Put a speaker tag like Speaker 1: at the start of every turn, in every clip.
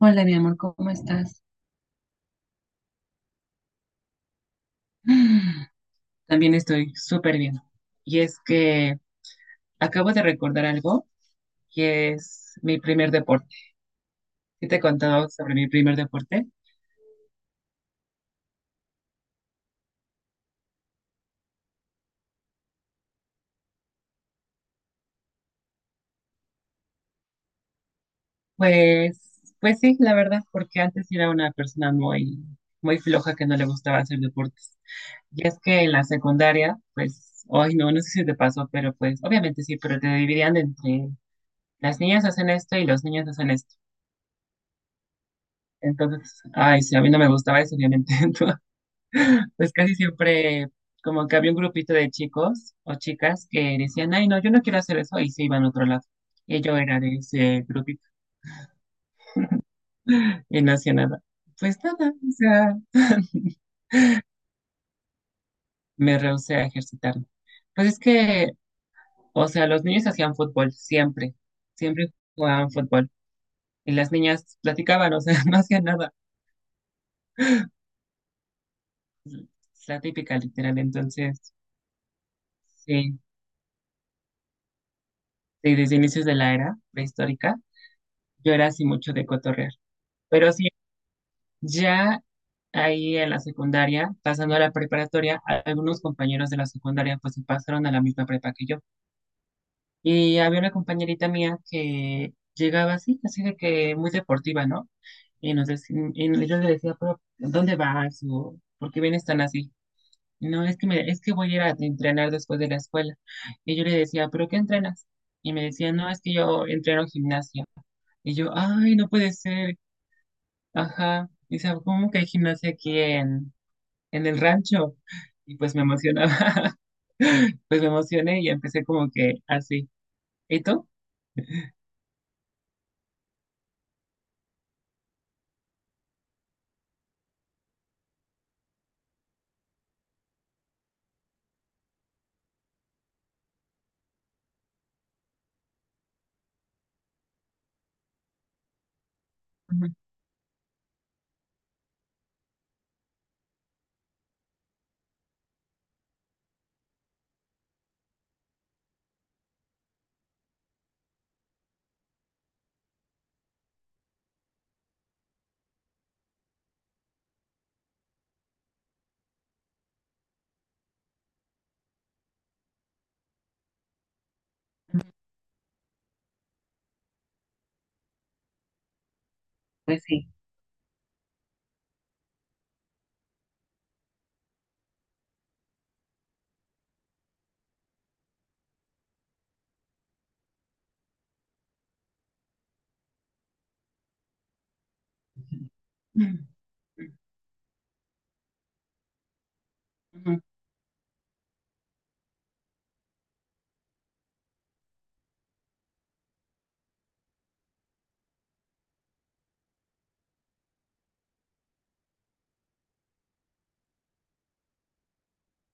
Speaker 1: Hola, mi amor, ¿cómo estás? También estoy súper bien. Y es que acabo de recordar algo que es mi primer deporte. ¿Sí te he contado sobre mi primer deporte? Pues sí, la verdad, porque antes era una persona muy, muy floja que no le gustaba hacer deportes. Y es que en la secundaria, pues, ay, no sé si te pasó, pero pues, obviamente sí, pero te dividían entre las niñas hacen esto y los niños hacen esto. Entonces, ay, sí, a mí no me gustaba eso, obviamente. Entonces, pues casi siempre como que había un grupito de chicos o chicas que decían, ay, no, yo no quiero hacer eso, y se iban a otro lado. Y yo era de ese grupito y no hacía nada. Pues nada, o sea, me rehusé a ejercitarme. Pues es que, o sea, los niños hacían fútbol siempre, siempre jugaban fútbol. Y las niñas platicaban, o sea, no hacían nada. Es la típica, literal. Entonces, sí, sí, desde inicios de la era prehistórica, yo era así mucho de cotorrear. Pero sí, ya ahí en la secundaria, pasando a la preparatoria, algunos compañeros de la secundaria pues se pasaron a la misma prepa que yo. Y había una compañerita mía que llegaba así, así de que muy deportiva, ¿no? Y, y yo le decía, pero ¿dónde vas? O, ¿por qué vienes tan así? No, es que, es que voy a ir a entrenar después de la escuela. Y yo le decía, ¿pero qué entrenas? Y me decía, no, es que yo entreno gimnasia. Y yo, ay, no puede ser. Ajá. Dice, ¿cómo que hay gimnasia aquí en el rancho y pues me emocionaba, pues me emocioné y empecé como que así. ¿Y tú? Ujú, pues sí. Ujú, ujú,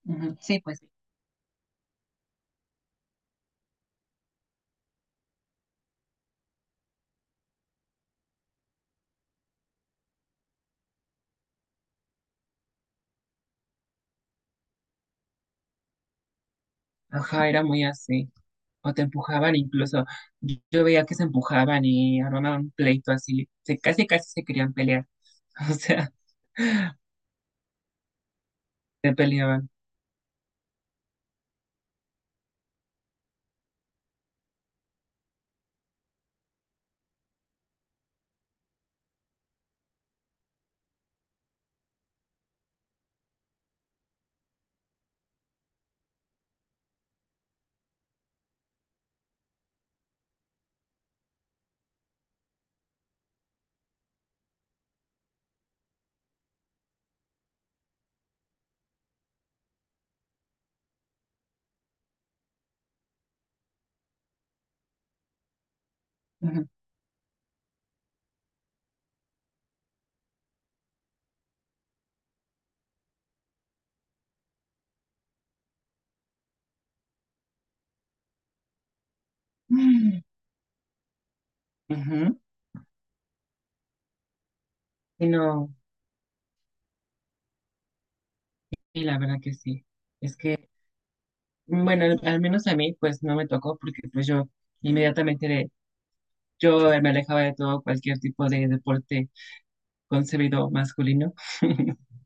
Speaker 1: ujú. Sí, pues sí. Ajá, era muy así. O te empujaban incluso. Yo veía que se empujaban y armaban un pleito así. Casi, casi se querían pelear. O sea, se peleaban. Ujú. Ujú. Y no, y la verdad que sí. Es que, bueno, al menos a mí pues no me tocó porque pues yo inmediatamente yo me alejaba de todo cualquier tipo de deporte concebido masculino.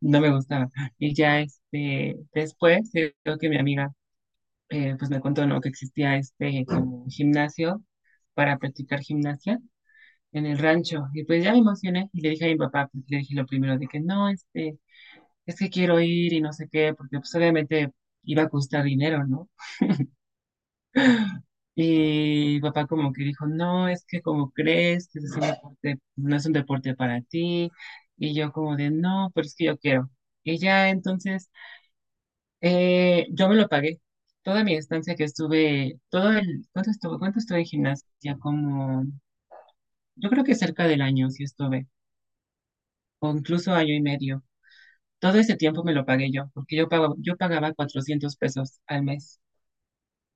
Speaker 1: No me gustaba. Y ya este, después, creo que mi amiga pues me contó ¿no? que existía este como gimnasio para practicar gimnasia en el rancho. Y pues ya me emocioné y le dije a mi papá, pues, le dije lo primero de que no, este, es que quiero ir y no sé qué, porque pues obviamente iba a costar dinero, ¿no? Y mi papá como que dijo, no, es que como crees que es un deporte, no es un deporte para ti. Y yo como de, no, pero es que yo quiero. Y ya entonces yo me lo pagué. Toda mi estancia que estuve, todo el, ¿cuánto estuve? ¿Cuánto estuve en gimnasia? Como, yo creo que cerca del año sí estuve, o incluso año y medio. Todo ese tiempo me lo pagué yo, porque yo pagaba 400 pesos al mes.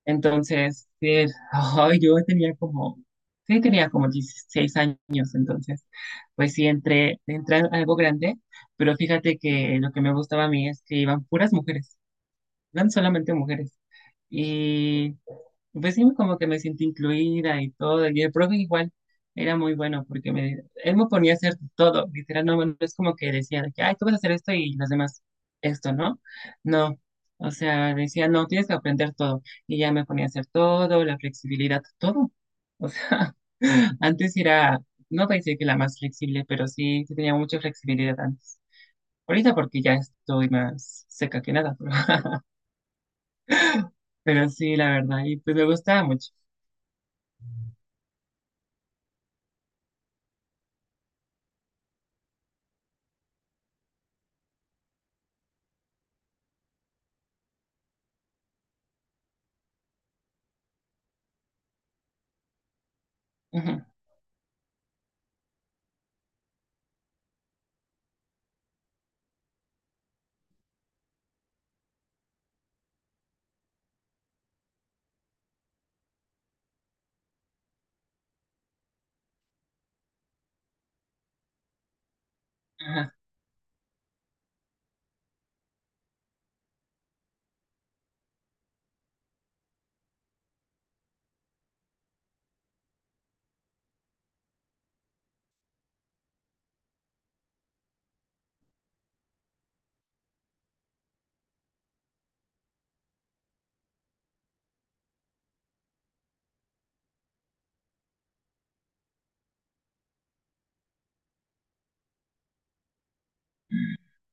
Speaker 1: Entonces, ay, yo tenía como, sí, tenía como 16 años, entonces, pues sí, entré a algo grande, pero fíjate que lo que me gustaba a mí es que iban puras mujeres, eran solamente mujeres. Pues sí, como que me sentí incluida y todo. Y el profe igual era muy bueno porque él me ponía a hacer todo. Literal, no es como que decía de que, ay, tú vas a hacer esto y los demás esto, ¿no? No. O sea, decía, no, tienes que aprender todo. Y ya me ponía a hacer todo, la flexibilidad, todo. O sea, antes era, no voy a decir que la más flexible, pero sí, sí tenía mucha flexibilidad antes. Ahorita porque ya estoy más seca que nada, pero, pero sí, la verdad, y pues me gustaba mucho. Ujú, ajá,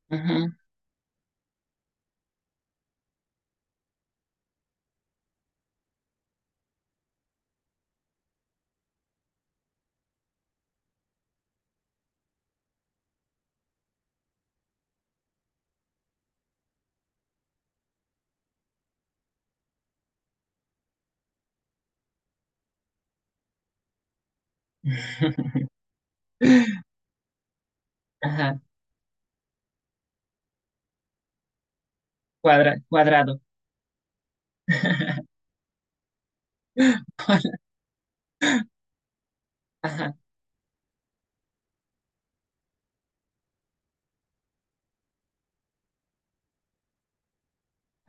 Speaker 1: ujú. Ajá, cuadrado. Ajá,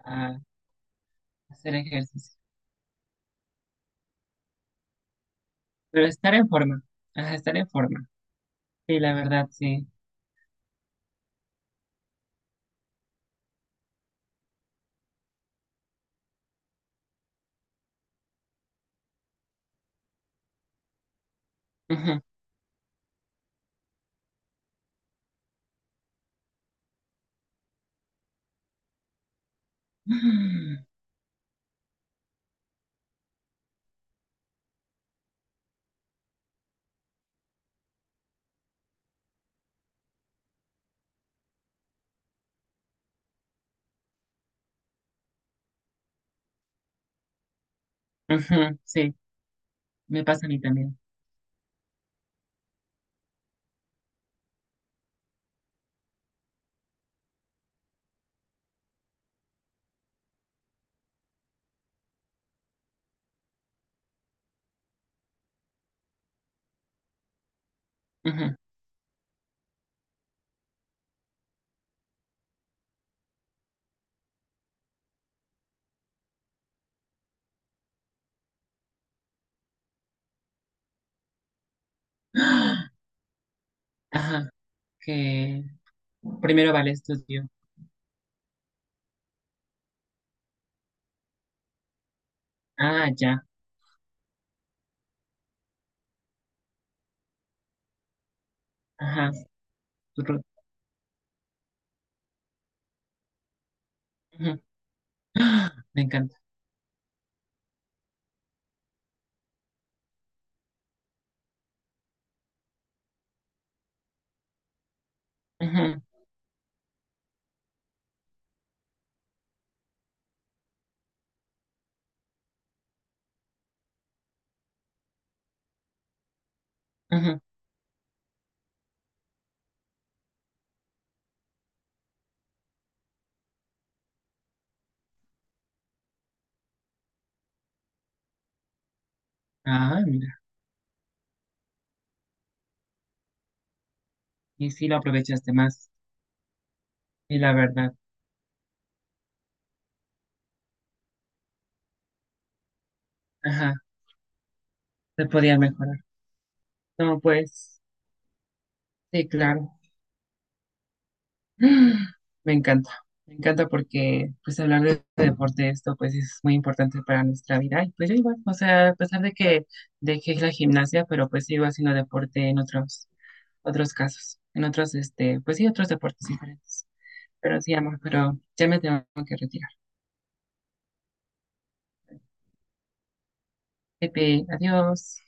Speaker 1: ah, hacer ejercicio. Pero estar en forma. Ajá, estar en forma. Sí, la verdad, sí. Ujú. Ujú, sí, me pasa a mí también. Ujú. Ajá, que primero vale estudio. Ah, ya. Ajá, tu ru- ujú. Me encanta. Ujú, ujú. Ah, mira. Y sí lo aprovechaste más. Y la verdad, ajá, se podía mejorar. No, pues, sí, claro. Me encanta, me encanta porque pues hablar de deporte, esto pues es muy importante para nuestra vida. Y pues yo igual, o sea, a pesar de que dejé la gimnasia, pero pues sigo haciendo deporte en otros, otros casos, en otros, este, pues sí, otros deportes diferentes. Pero sí, amor, pero ya me tengo que retirar. Pepe, adiós.